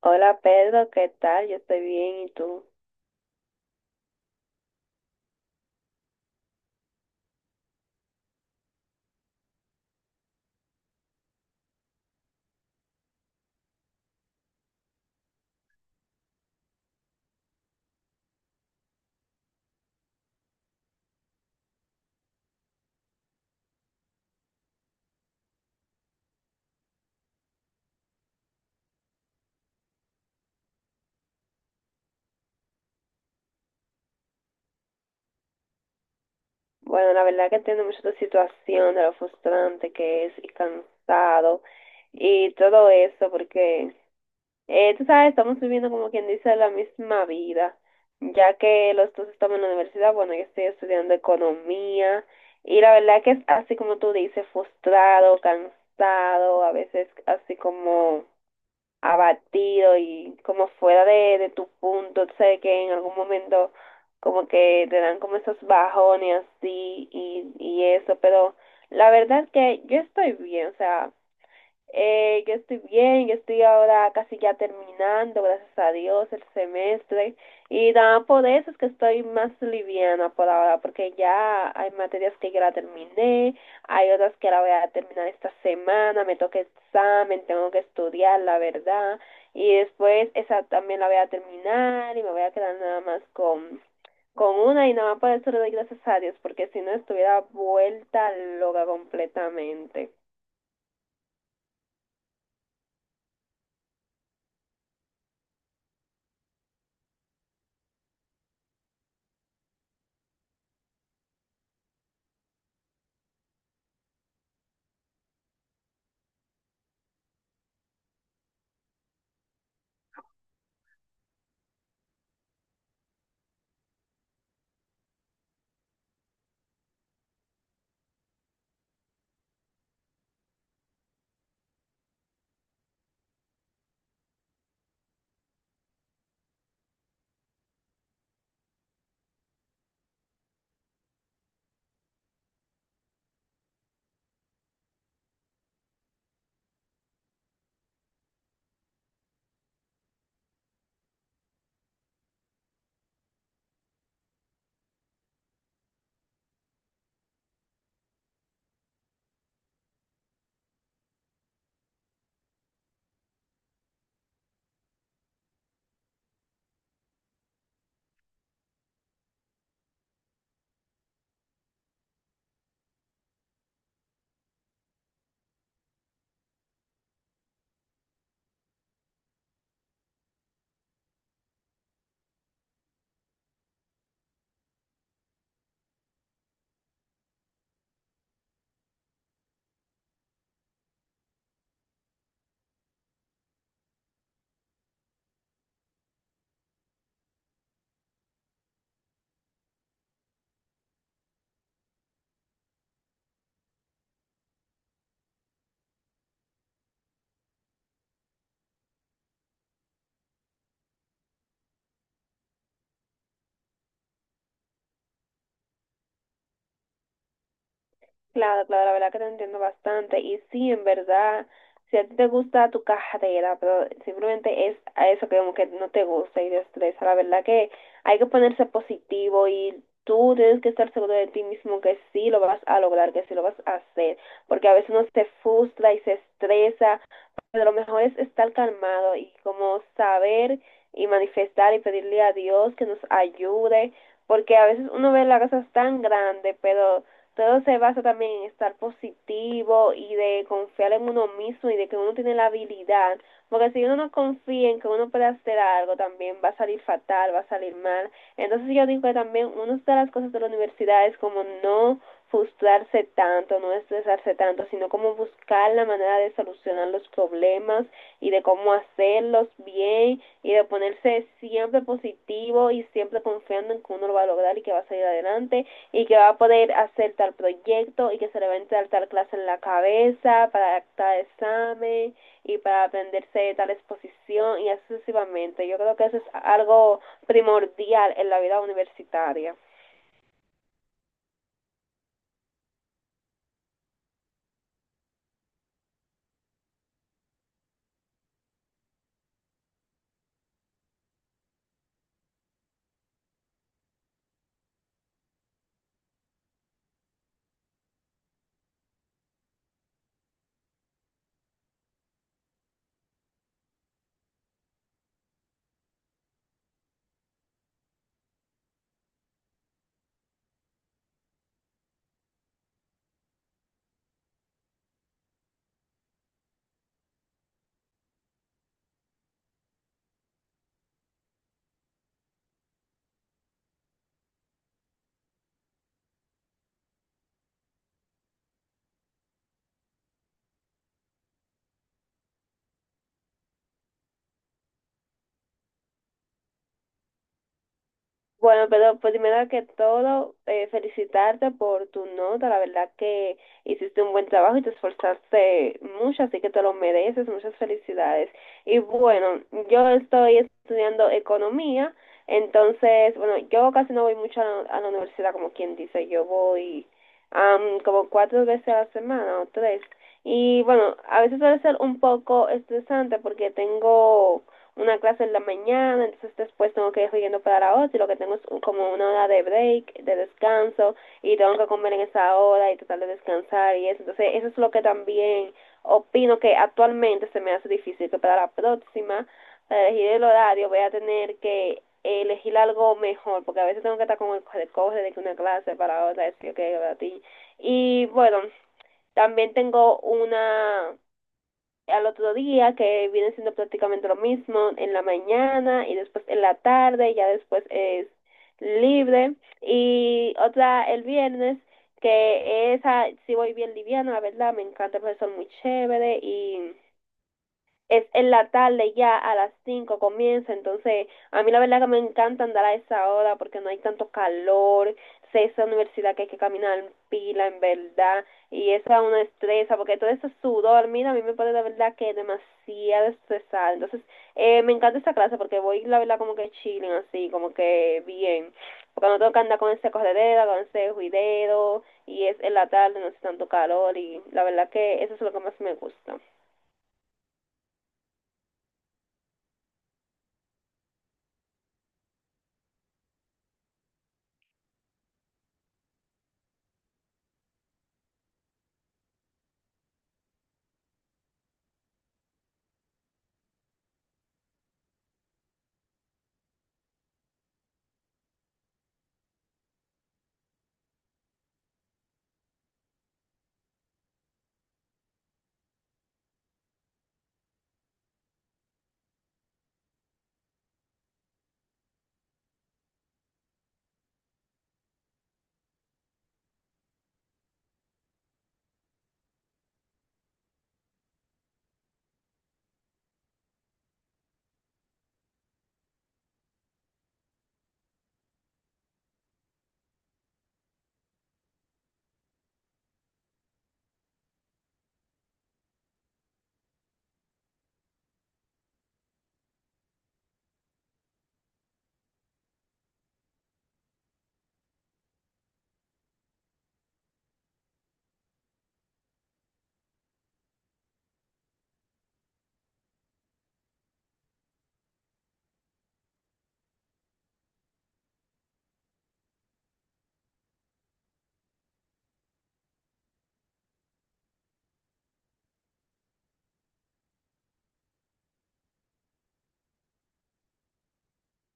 Hola Pedro, ¿qué tal? Yo estoy bien, ¿y tú? Bueno, la verdad que entiendo mucho tu situación, de lo frustrante que es y cansado y todo eso, porque tú sabes, estamos viviendo como quien dice la misma vida, ya que los dos estamos en la universidad. Bueno, yo estoy estudiando economía y la verdad que es así como tú dices, frustrado, cansado, a veces así como abatido y como fuera de tu punto. Sé que en algún momento como que te dan como esos bajones así y eso, pero la verdad que yo estoy bien, o sea, yo estoy bien, yo estoy ahora casi ya terminando, gracias a Dios, el semestre. Y nada, por eso es que estoy más liviana por ahora, porque ya hay materias que ya la terminé, hay otras que la voy a terminar esta semana, me toca examen, tengo que estudiar, la verdad. Y después esa también la voy a terminar y me voy a quedar nada más con una y nada más. Por eso le doy gracias a Dios, porque si no estuviera vuelta loca completamente. Claro, claro, la verdad que te entiendo bastante. Y sí, en verdad, si a ti te gusta tu carrera, pero simplemente es a eso que como que no te gusta y te estresa, la verdad que hay que ponerse positivo y tú tienes que estar seguro de ti mismo que sí lo vas a lograr, que sí lo vas a hacer, porque a veces uno se frustra y se estresa, pero lo mejor es estar calmado y como saber y manifestar y pedirle a Dios que nos ayude, porque a veces uno ve las cosas tan grandes, pero todo se basa también en estar positivo y de confiar en uno mismo y de que uno tiene la habilidad, porque si uno no confía en que uno puede hacer algo, también va a salir fatal, va a salir mal. Entonces yo digo que también una de las cosas de la universidad es como no frustrarse tanto, no estresarse tanto, sino como buscar la manera de solucionar los problemas y de cómo hacerlos bien y de ponerse siempre positivo y siempre confiando en que uno lo va a lograr y que va a salir adelante y que va a poder hacer tal proyecto y que se le va a entrar tal clase en la cabeza para tal examen y para aprenderse tal exposición y así sucesivamente. Yo creo que eso es algo primordial en la vida universitaria. Bueno, pero primero que todo, felicitarte por tu nota. La verdad que hiciste un buen trabajo y te esforzaste mucho, así que te lo mereces. Muchas felicidades. Y bueno, yo estoy estudiando economía, entonces, bueno, yo casi no voy mucho a la universidad, como quien dice. Yo voy como cuatro veces a la semana o tres. Y bueno, a veces suele ser un poco estresante porque tengo una clase en la mañana, entonces después tengo que ir yendo para la otra y lo que tengo es como una hora de break, de descanso, y tengo que comer en esa hora y tratar de descansar y eso. Entonces eso es lo que también opino que actualmente se me hace difícil, que para la próxima, para elegir el horario, voy a tener que elegir algo mejor, porque a veces tengo que estar con el corre de que una clase para otra, es que okay, para ti. Y bueno, también tengo una al otro día, que viene siendo prácticamente lo mismo en la mañana, y después en la tarde, ya después es libre. Y otra el viernes, que esa sí voy bien liviana, la verdad, me encanta el profesor, muy chévere, y es en la tarde, ya a las 5 comienza, entonces a mí la verdad que me encanta andar a esa hora porque no hay tanto calor. Sé esa universidad que hay que caminar en pila en verdad, y eso es una estresa porque todo ese sudor, mira, a mí me pone la verdad que demasiado estresada. Entonces me encanta esa clase porque voy la verdad como que chilling así, como que bien, porque no tengo que andar con ese corredero, con ese juidero, y es en la tarde, no hace tanto calor y la verdad que eso es lo que más me gusta.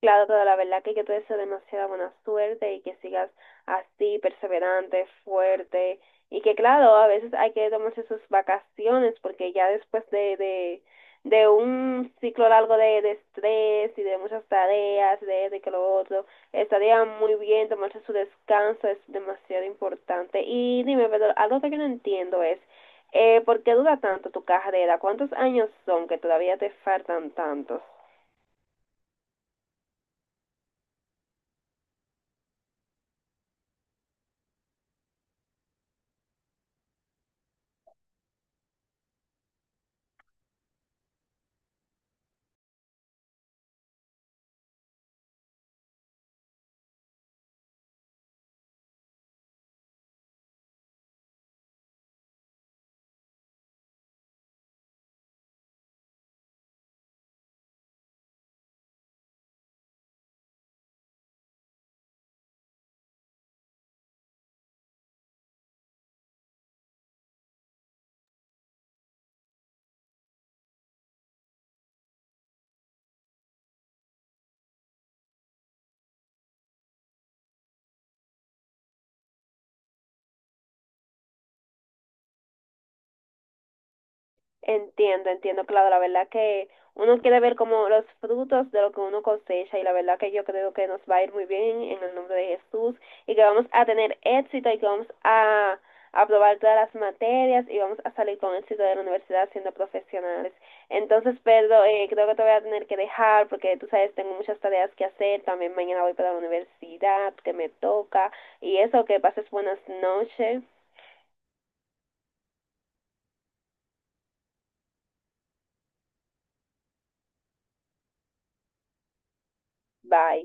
Claro, pero la verdad que yo te deseo demasiada buena suerte y que sigas así, perseverante, fuerte. Y que claro, a veces hay que tomarse sus vacaciones porque ya después de un ciclo largo de estrés y de muchas tareas, de que lo otro, estaría muy bien tomarse su descanso, es demasiado importante. Y dime, pero algo que yo no entiendo es, ¿por qué dura tanto tu carrera? ¿Cuántos años son que todavía te faltan tantos? Entiendo, entiendo, claro, la verdad que uno quiere ver como los frutos de lo que uno cosecha y la verdad que yo creo que nos va a ir muy bien en el nombre de Jesús y que vamos a tener éxito y que vamos a aprobar todas las materias y vamos a salir con éxito de la universidad siendo profesionales. Entonces, Pedro, creo que te voy a tener que dejar porque tú sabes, tengo muchas tareas que hacer, también mañana voy para la universidad que me toca y eso. Que pases buenas noches, bye.